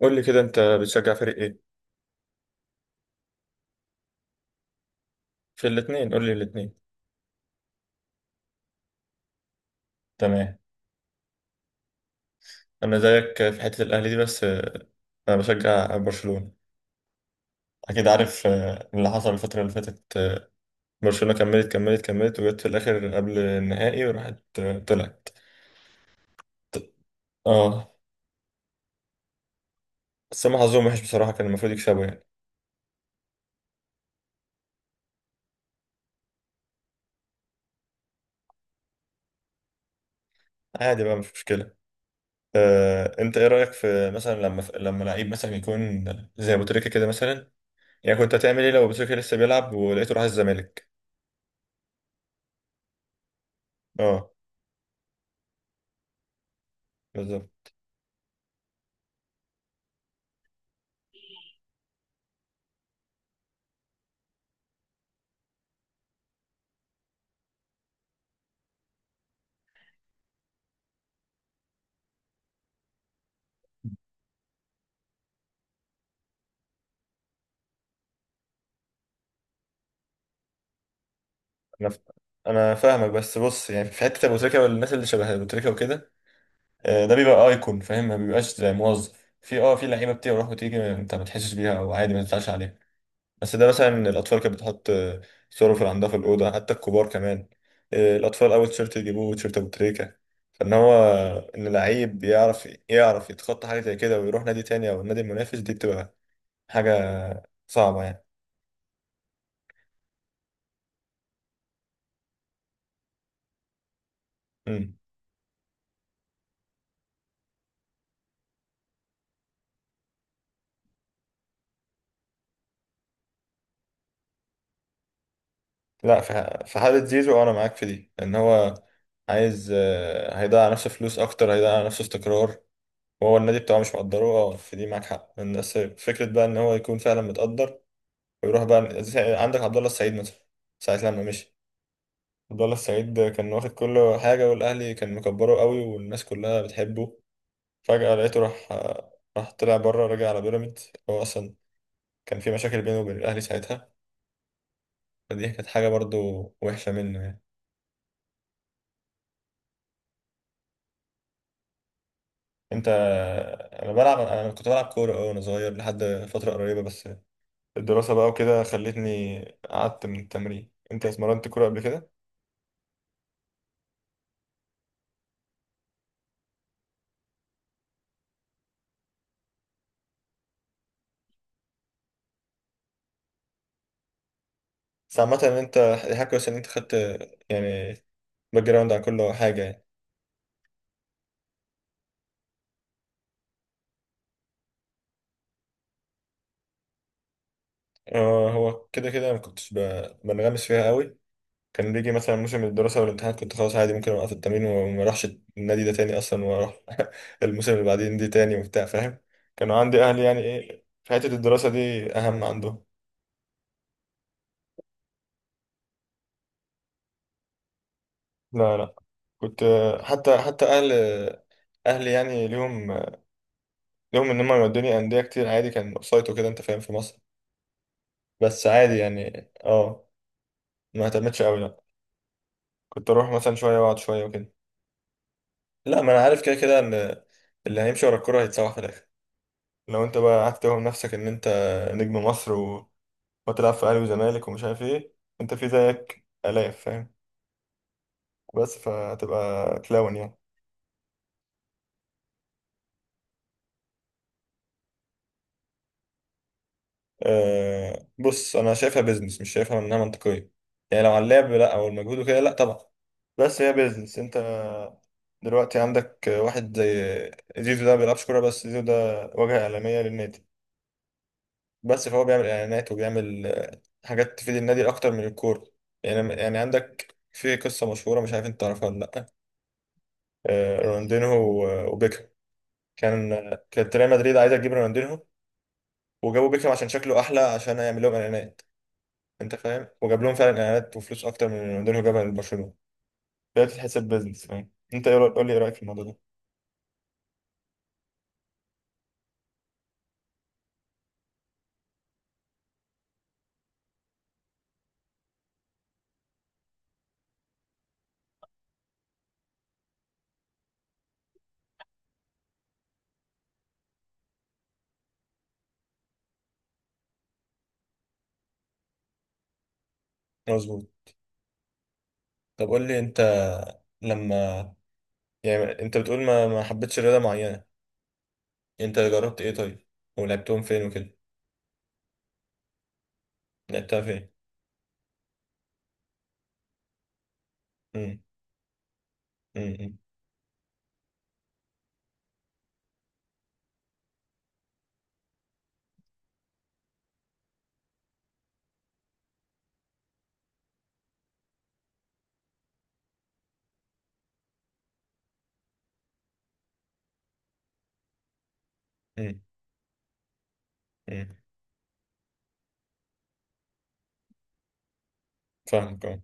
قول لي كده، انت بتشجع فريق ايه؟ في الاثنين، قول لي الاثنين. تمام. انا زيك في حتة الاهلي دي، بس انا بشجع برشلونة. اكيد عارف اللي حصل الفترة اللي فاتت. برشلونة كملت وجت في الاخر قبل النهائي وراحت، طلعت. ط- اه، بس هم حظهم وحش بصراحة، كان المفروض يكسبوا يعني. عادي بقى، مش مشكلة. انت ايه رأيك في مثلا لما لعيب مثلا يكون زي ابو تريكة كده مثلا؟ يعني كنت هتعمل ايه لو ابو تريكة لسه بيلعب ولقيته راح الزمالك؟ اه، بالظبط. انا ف... انا فاهمك، بس بص، يعني في حته ابو تريكه والناس اللي شبه ابو تريكه وكده، ده بيبقى ايكون فاهم، ما بيبقاش زي موظف. في لعيبه بتروح وتيجي، انت ما تحسش بيها او عادي ما تزعلش عليها. بس ده مثلا الاطفال كانت بتحط صوره في عندها في الاوضه، حتى الكبار كمان. الاطفال اول تيشيرت يجيبوه تيشيرت ابو تريكه. فان هو ان لعيب يعرف يتخطى حاجه زي كده ويروح نادي تاني او النادي المنافس، دي بتبقى حاجه صعبه يعني. لا، في حالة زيزو، أنا معاك في دي لأن هو عايز، هيضيع على نفسه فلوس أكتر، هيضيع على نفسه استقرار، وهو النادي بتاعه مش مقدره. في دي معاك حق، الناس فكرة بقى إن هو يكون فعلا متقدر ويروح بقى عندك عبد الله السعيد مثلا. ساعة لما مشي عبد الله السعيد، كان واخد كل حاجة، والأهلي كان مكبره قوي، والناس كلها بتحبه. فجأة لقيته راح، طلع بره، راجع على بيراميدز. هو أصلا كان في مشاكل بينه وبين الأهلي ساعتها، فدي كانت حاجة برضو وحشة منه يعني. انت، انا كنت بلعب كوره وانا صغير لحد فتره قريبه، بس الدراسه بقى وكده خلتني قعدت من التمرين. انت اتمرنت كوره قبل كده؟ بس عامه ان انت حاجه كويسه ان انت خدت يعني باك جراوند عن كل حاجه يعني. اه، هو كده كده ما كنتش بنغمس فيها قوي. كان بيجي مثلا موسم الدراسه والامتحانات، كنت خلاص عادي ممكن اوقف التمرين وما اروحش النادي ده تاني اصلا، واروح الموسم اللي بعدين دي تاني وبتاع، فاهم. كانوا عندي اهلي يعني ايه، في حته الدراسه دي اهم عندهم. لا، لا، كنت حتى اهلي يعني ليهم، ليهم ان هم يودوني انديه كتير عادي، كان اوفسايد وكده، انت فاهم، في مصر. بس عادي يعني اه. ما اهتمتش قوي لا. كنت اروح مثلا شويه واقعد شويه وكده. لا، ما انا عارف كده كده ان اللي هيمشي ورا الكوره هيتسوح في الاخر. لو انت بقى قعدت توهم نفسك ان انت نجم مصر وتلعب في اهلي وزمالك ومش عارف ايه، انت في زيك الاف، فاهم؟ بس فهتبقى كلاون يعني. أه، بص، انا شايفها بيزنس، مش شايفها انها منطقيه. يعني لو على اللعب، لا، او المجهود وكده، لا طبعا. بس هي بيزنس. انت دلوقتي عندك واحد زي زيزو، ده ما بيلعبش كوره، بس زيزو ده واجهه اعلاميه للنادي. بس فهو بيعمل اعلانات وبيعمل حاجات تفيد النادي اكتر من الكوره يعني عندك في قصه مشهوره، مش عارف انت تعرفها ولا لا. رونالدينهو وبيكهام. كان كانت ريال مدريد عايزه تجيب رونالدينهو، وجابوا بيكهام عشان شكله احلى عشان يعمل لهم اعلانات. انت فاهم، وجاب لهم فعلا اعلانات وفلوس اكتر من اللي رونالدينيو جابها لبرشلونه. فهي بتتحسب بيزنس، فاهم. انت ايه قول لي ايه رايك في الموضوع ده؟ مظبوط. طب قول لي انت، لما، يعني انت بتقول ما حبيتش رياضه معينه، انت جربت ايه طيب ولعبتهم فين وكده؟ لعبتها فين؟ امم. امم. امم. امم. فاهمك، اه.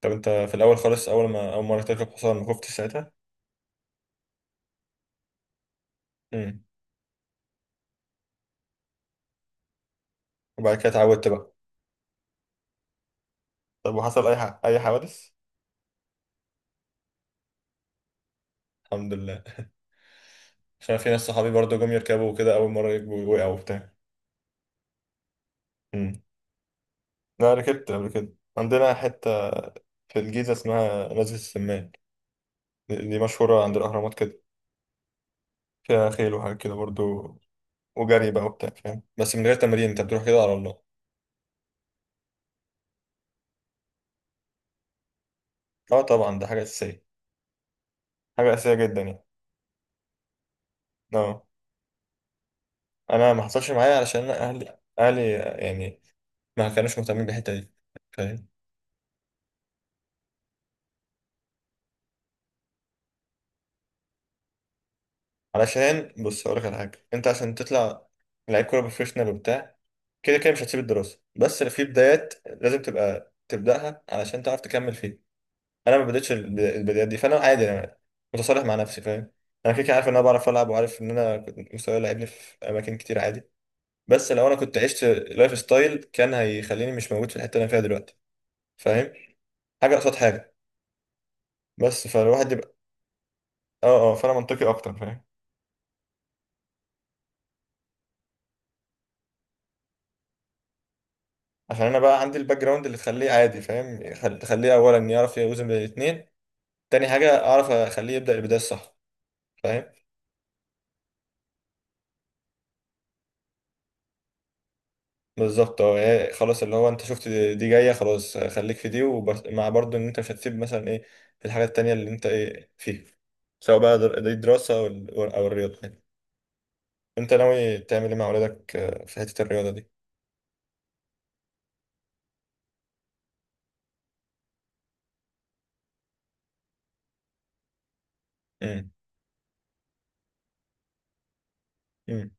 طب انت في الاول خالص، اول مره تركب حصان ما خفتش ساعتها؟ امم. وبعد كده اتعودت بقى. طب وحصل اي حوادث؟ الحمد لله، عشان في ناس صحابي برضو جم يركبوا وكده، اول مره يركبوا وقعوا وبتاع. أنا ركبت قبل كده، عندنا حتة في الجيزة اسمها نزلة السمان. دي مشهورة عند الأهرامات كده، فيها خيل وحاجات كده برضو، وجري بقى وبتاع، فاهم. بس من غير تمرين، أنت بتروح كده على الله. أه، طبعا، ده حاجة أساسية، حاجة أساسية جدا يعني. أه، أنا ما حصلش معايا علشان أنا أهلي يعني ما كانوش مهتمين بالحتة دي، فاهم. علشان بص، هقولك على حاجة. أنت عشان تطلع لعيب كورة بروفيشنال وبتاع، كده كده مش هتسيب الدراسة، بس في بدايات لازم تبقى تبدأها علشان تعرف تكمل فيها. انا ما بديتش البدايات دي، فانا عادي، انا متصالح مع نفسي، فاهم. انا كده كده عارف ان انا بعرف العب، وعارف ان انا كنت مستواي لعبني في اماكن كتير عادي. بس لو انا كنت عشت لايف ستايل كان هيخليني مش موجود في الحته اللي انا فيها دلوقتي، فاهم. حاجه قصاد حاجه. بس فالواحد يبقى، اه، اه، فانا منطقي اكتر، فاهم. عشان انا بقى عندي الباك جراوند اللي تخليه عادي، فاهم، تخليه اولا يعرف يوزن بين الاثنين، تاني حاجه اعرف اخليه يبدا البدايه الصح، فاهم. بالظبط، اه. يعني خلاص، اللي هو انت شفت دي جايه خلاص، خليك في دي، ومع برضه ان انت مش هتسيب مثلا ايه الحاجات التانية اللي انت ايه فيها، سواء بقى دي دراسه او الرياضه يعني. انت ناوي تعمل ايه مع اولادك في حته الرياضه دي؟ امم. امم.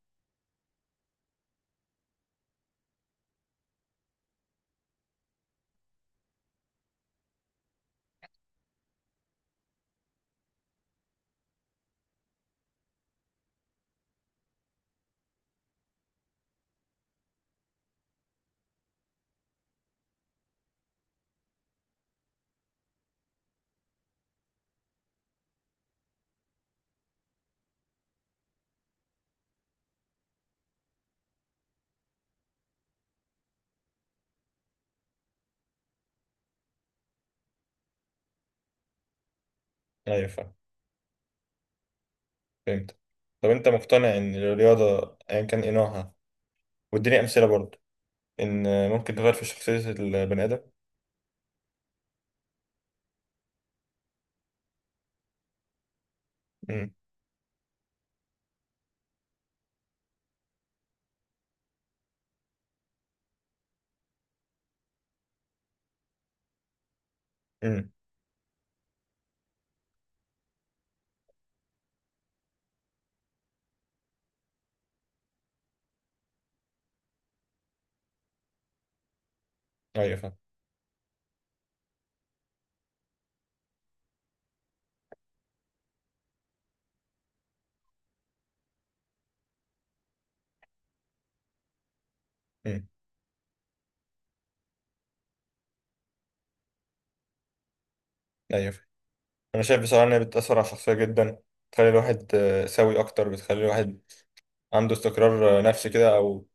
ايوه، فاهم. فهمت. طب انت مقتنع ان الرياضه ايا كان ايه نوعها، واديني امثله برضه، ان ممكن تغير في شخصيه البني ادم؟ امم. امم. ايوه، فاهم. امم. ايوه، فاهم. انا شايف بصراحه ان هي بتاثر على الشخصيه جدا، بتخلي الواحد سوي اكتر، بتخلي الواحد عنده استقرار نفسي كده، او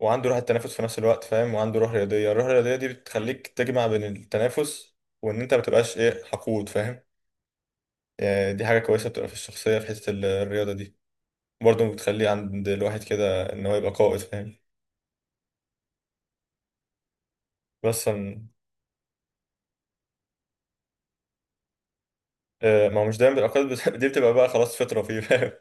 وعنده روح التنافس في نفس الوقت، فاهم، وعنده روح رياضيه. الروح الرياضيه دي بتخليك تجمع بين التنافس وان انت ما تبقاش ايه حقود، فاهم. يعني دي حاجه كويسه بتبقى في الشخصيه في حته الرياضه دي. برضه بتخلي عند الواحد كده ان هو يبقى قائد، فاهم. بس أن- ما هو مش دايما بيبقى قائد بس دي بتبقى بقى خلاص فطره فيه، فاهم.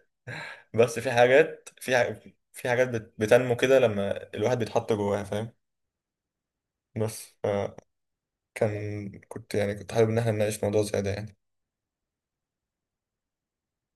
بس في حاجات في حاجات بتنمو كده لما الواحد بيتحط جواها، فاهم. بس يعني كنت حابب ان احنا نناقش موضوع زي ده يعني.